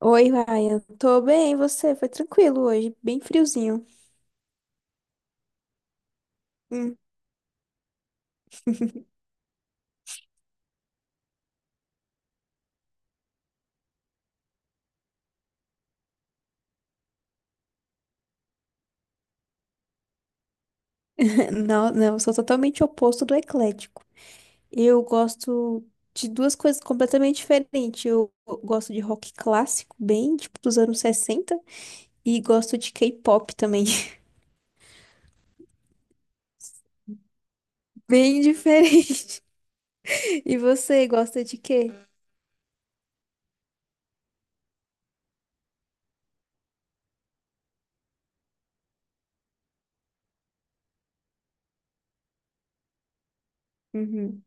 Oi, Ryan. Tô bem, e você? Foi tranquilo hoje, bem friozinho. Hum. Não, não, eu sou totalmente oposto do eclético. Eu gosto de duas coisas completamente diferentes. Eu gosto de rock clássico, bem tipo dos anos 60, e gosto de K-pop também. Bem diferente. E você gosta de quê? Uhum.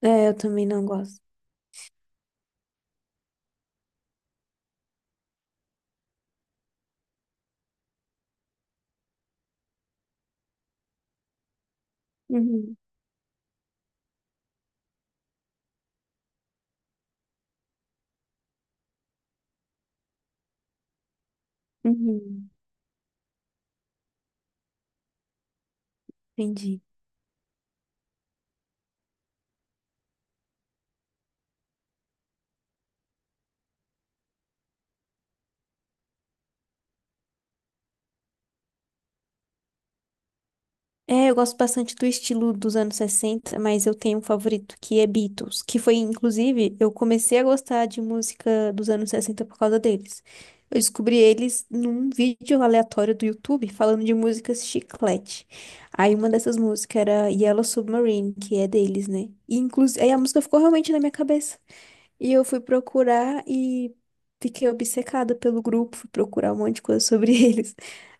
É, eu também não gosto. Uhum. Uhum. Entendi. É, eu gosto bastante do estilo dos anos 60, mas eu tenho um favorito que é Beatles, que foi, inclusive, eu comecei a gostar de música dos anos 60 por causa deles. Eu descobri eles num vídeo aleatório do YouTube falando de músicas chiclete. Aí uma dessas músicas era Yellow Submarine, que é deles, né? E inclusive, aí a música ficou realmente na minha cabeça. E eu fui procurar e fiquei obcecada pelo grupo, fui procurar um monte de coisa sobre eles.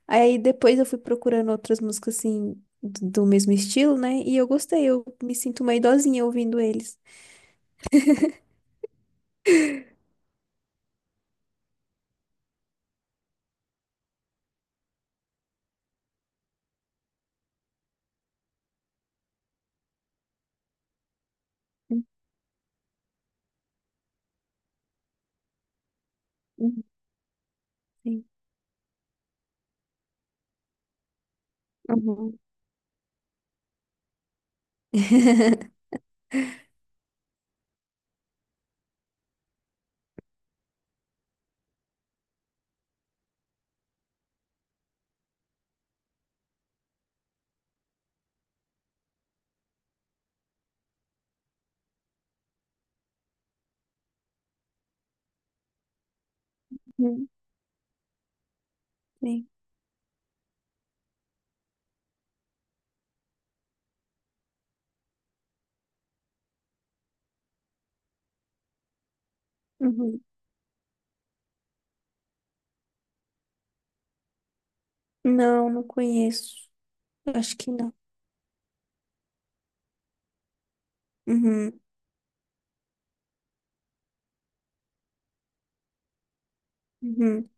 Aí depois eu fui procurando outras músicas assim do mesmo estilo, né? E eu gostei, eu me sinto uma idosinha ouvindo eles. Uhum. Sim. Uhum. Uhum. Sim. Uhum. Não, não conheço. Acho que não. Uhum, uhum.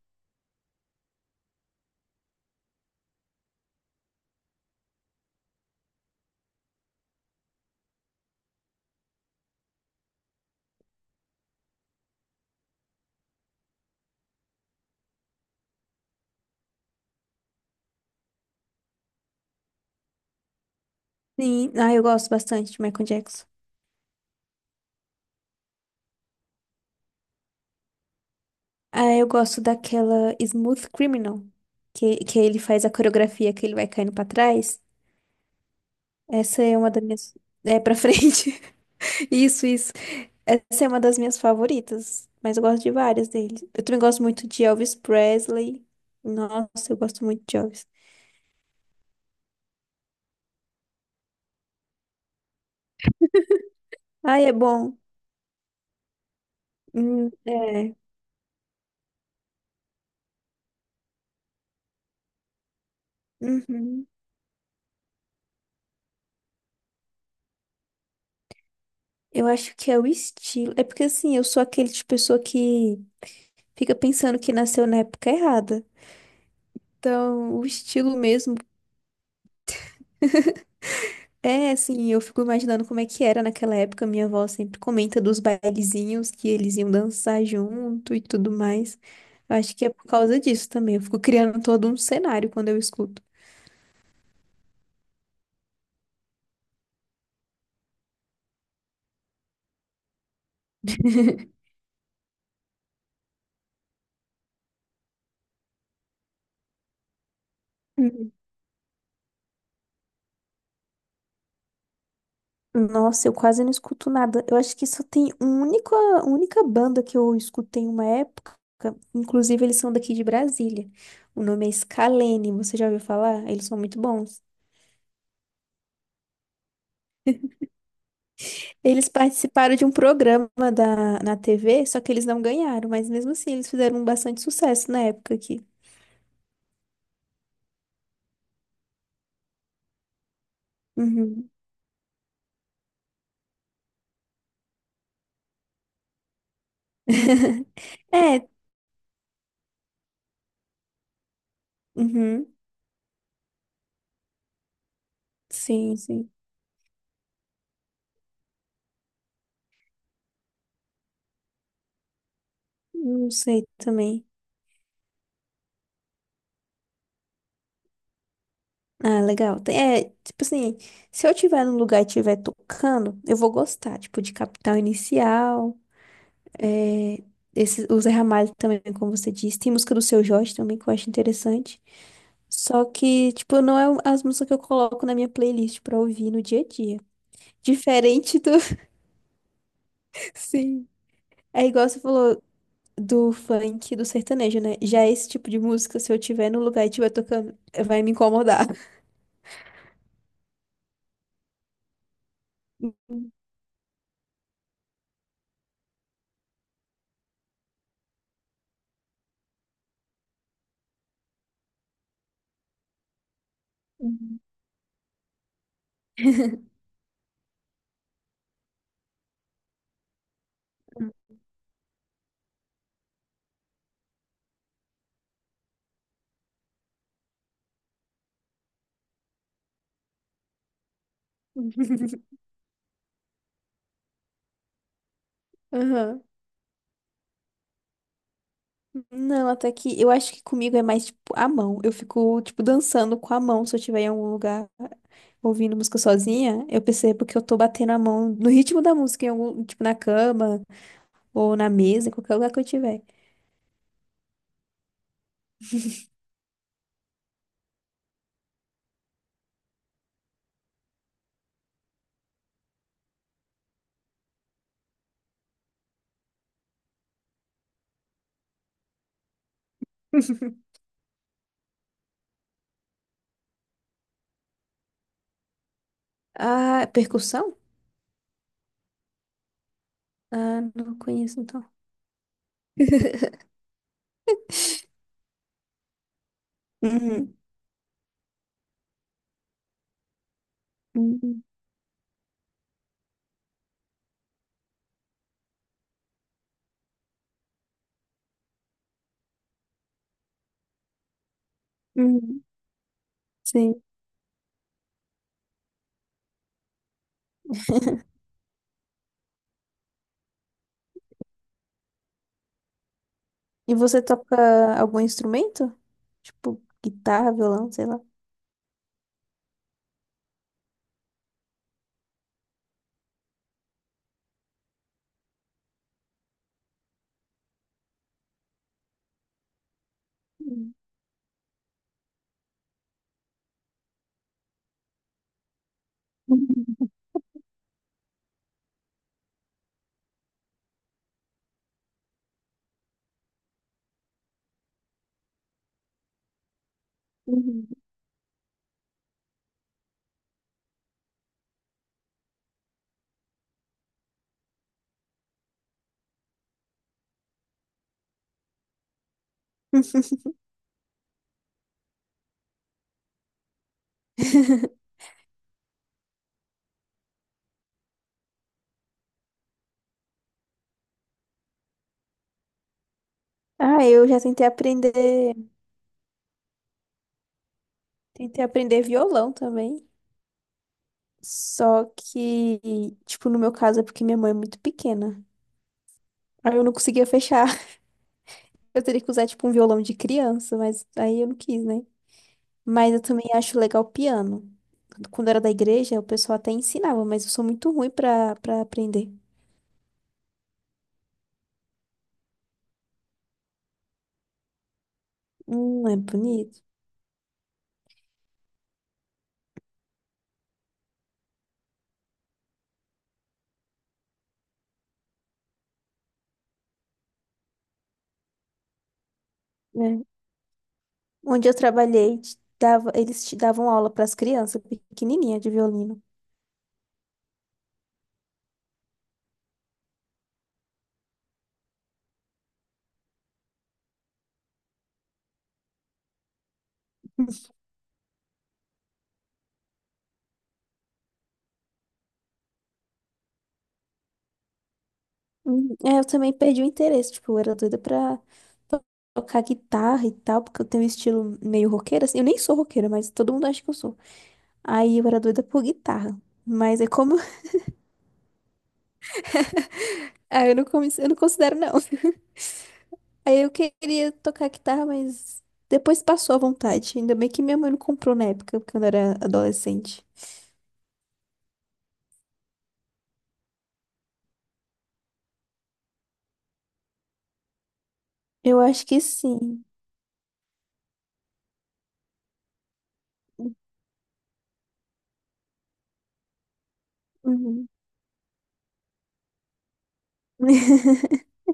Sim, ah, eu gosto bastante de Michael Jackson. Ah, eu gosto daquela Smooth Criminal, que ele faz a coreografia que ele vai caindo pra trás. Essa é uma das minhas. É, pra frente. Isso, isso. Essa é uma das minhas favoritas, mas eu gosto de várias deles. Eu também gosto muito de Elvis Presley. Nossa, eu gosto muito de Elvis. Ai, é bom. É. Uhum. Eu acho que é o estilo. É porque, assim, eu sou aquele tipo de pessoa que fica pensando que nasceu na época errada. Então, o estilo mesmo. É, assim, eu fico imaginando como é que era naquela época. Minha avó sempre comenta dos bailezinhos que eles iam dançar junto e tudo mais. Eu acho que é por causa disso também. Eu fico criando todo um cenário quando eu escuto. Hum. Nossa, eu quase não escuto nada. Eu acho que só tem única banda que eu escutei uma época. Inclusive, eles são daqui de Brasília. O nome é Scalene. Você já ouviu falar? Eles são muito bons. Eles participaram de um programa da, na TV, só que eles não ganharam, mas mesmo assim eles fizeram um bastante sucesso na época aqui. Uhum. É, uhum, sim, sim. Não sei também. Ah, legal. Tem- É, tipo assim, se eu tiver num lugar e estiver tocando, eu vou gostar, tipo, de Capital Inicial, é, esse, o Zé Ramalho também, como você disse. Tem música do Seu Jorge também, que eu acho interessante. Só que, tipo, não é as músicas que eu coloco na minha playlist pra ouvir no dia a dia. Diferente do. Sim. É igual você falou do funk, do sertanejo, né? Já é esse tipo de música, se eu tiver no lugar e estiver tocando, vai me incomodar. Uhum. Aham. Não, até que eu acho que comigo é mais tipo a mão. Eu fico, tipo, dançando com a mão se eu estiver em algum lugar ouvindo música sozinha. Eu percebo que eu tô batendo a mão no ritmo da música, em algum, tipo, na cama ou na mesa, em qualquer lugar que eu tiver. Ah, percussão? Ah, não conheço, então. Uhum, uhum, uhum, sim. E você toca algum instrumento? Tipo, guitarra, violão, sei lá. Uhum, uhum. Ah, eu já tentei aprender violão também. Só que, tipo, no meu caso é porque minha mãe é muito pequena. Aí eu não conseguia fechar. Eu teria que usar, tipo, um violão de criança, mas aí eu não quis, né? Mas eu também acho legal piano. Quando era da igreja, o pessoal até ensinava, mas eu sou muito ruim pra para aprender. É bonito, né? Onde eu trabalhei, eles te davam aula para as crianças pequenininha de violino. É, eu também perdi o interesse, tipo, eu era doida pra to- tocar guitarra e tal, porque eu tenho um estilo meio roqueira, assim, eu nem sou roqueira, mas todo mundo acha que eu sou. Aí eu era doida por guitarra, mas é como, ah, eu não considero não. Aí eu queria tocar guitarra, mas depois passou a vontade. Ainda bem que minha mãe não comprou na época, quando eu era adolescente. Eu acho que sim. Uhum.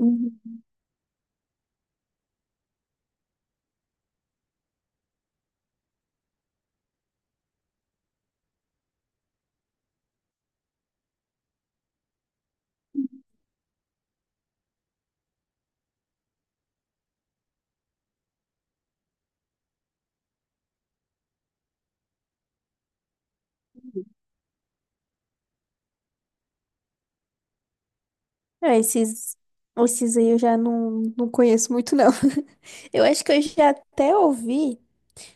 Uhum. É, esses aí eu já não conheço muito, não. Eu acho que eu já até ouvi.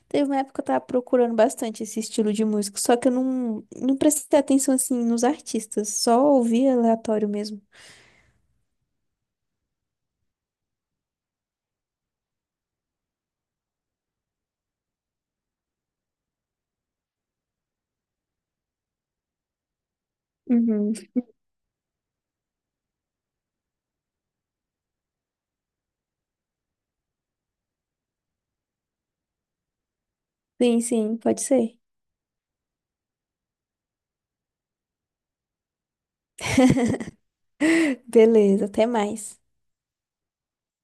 Teve uma época que eu tava procurando bastante esse estilo de música, só que eu não prestei atenção assim nos artistas, só ouvi aleatório mesmo. Uhum. Sim, sim, pode ser. Beleza, até mais.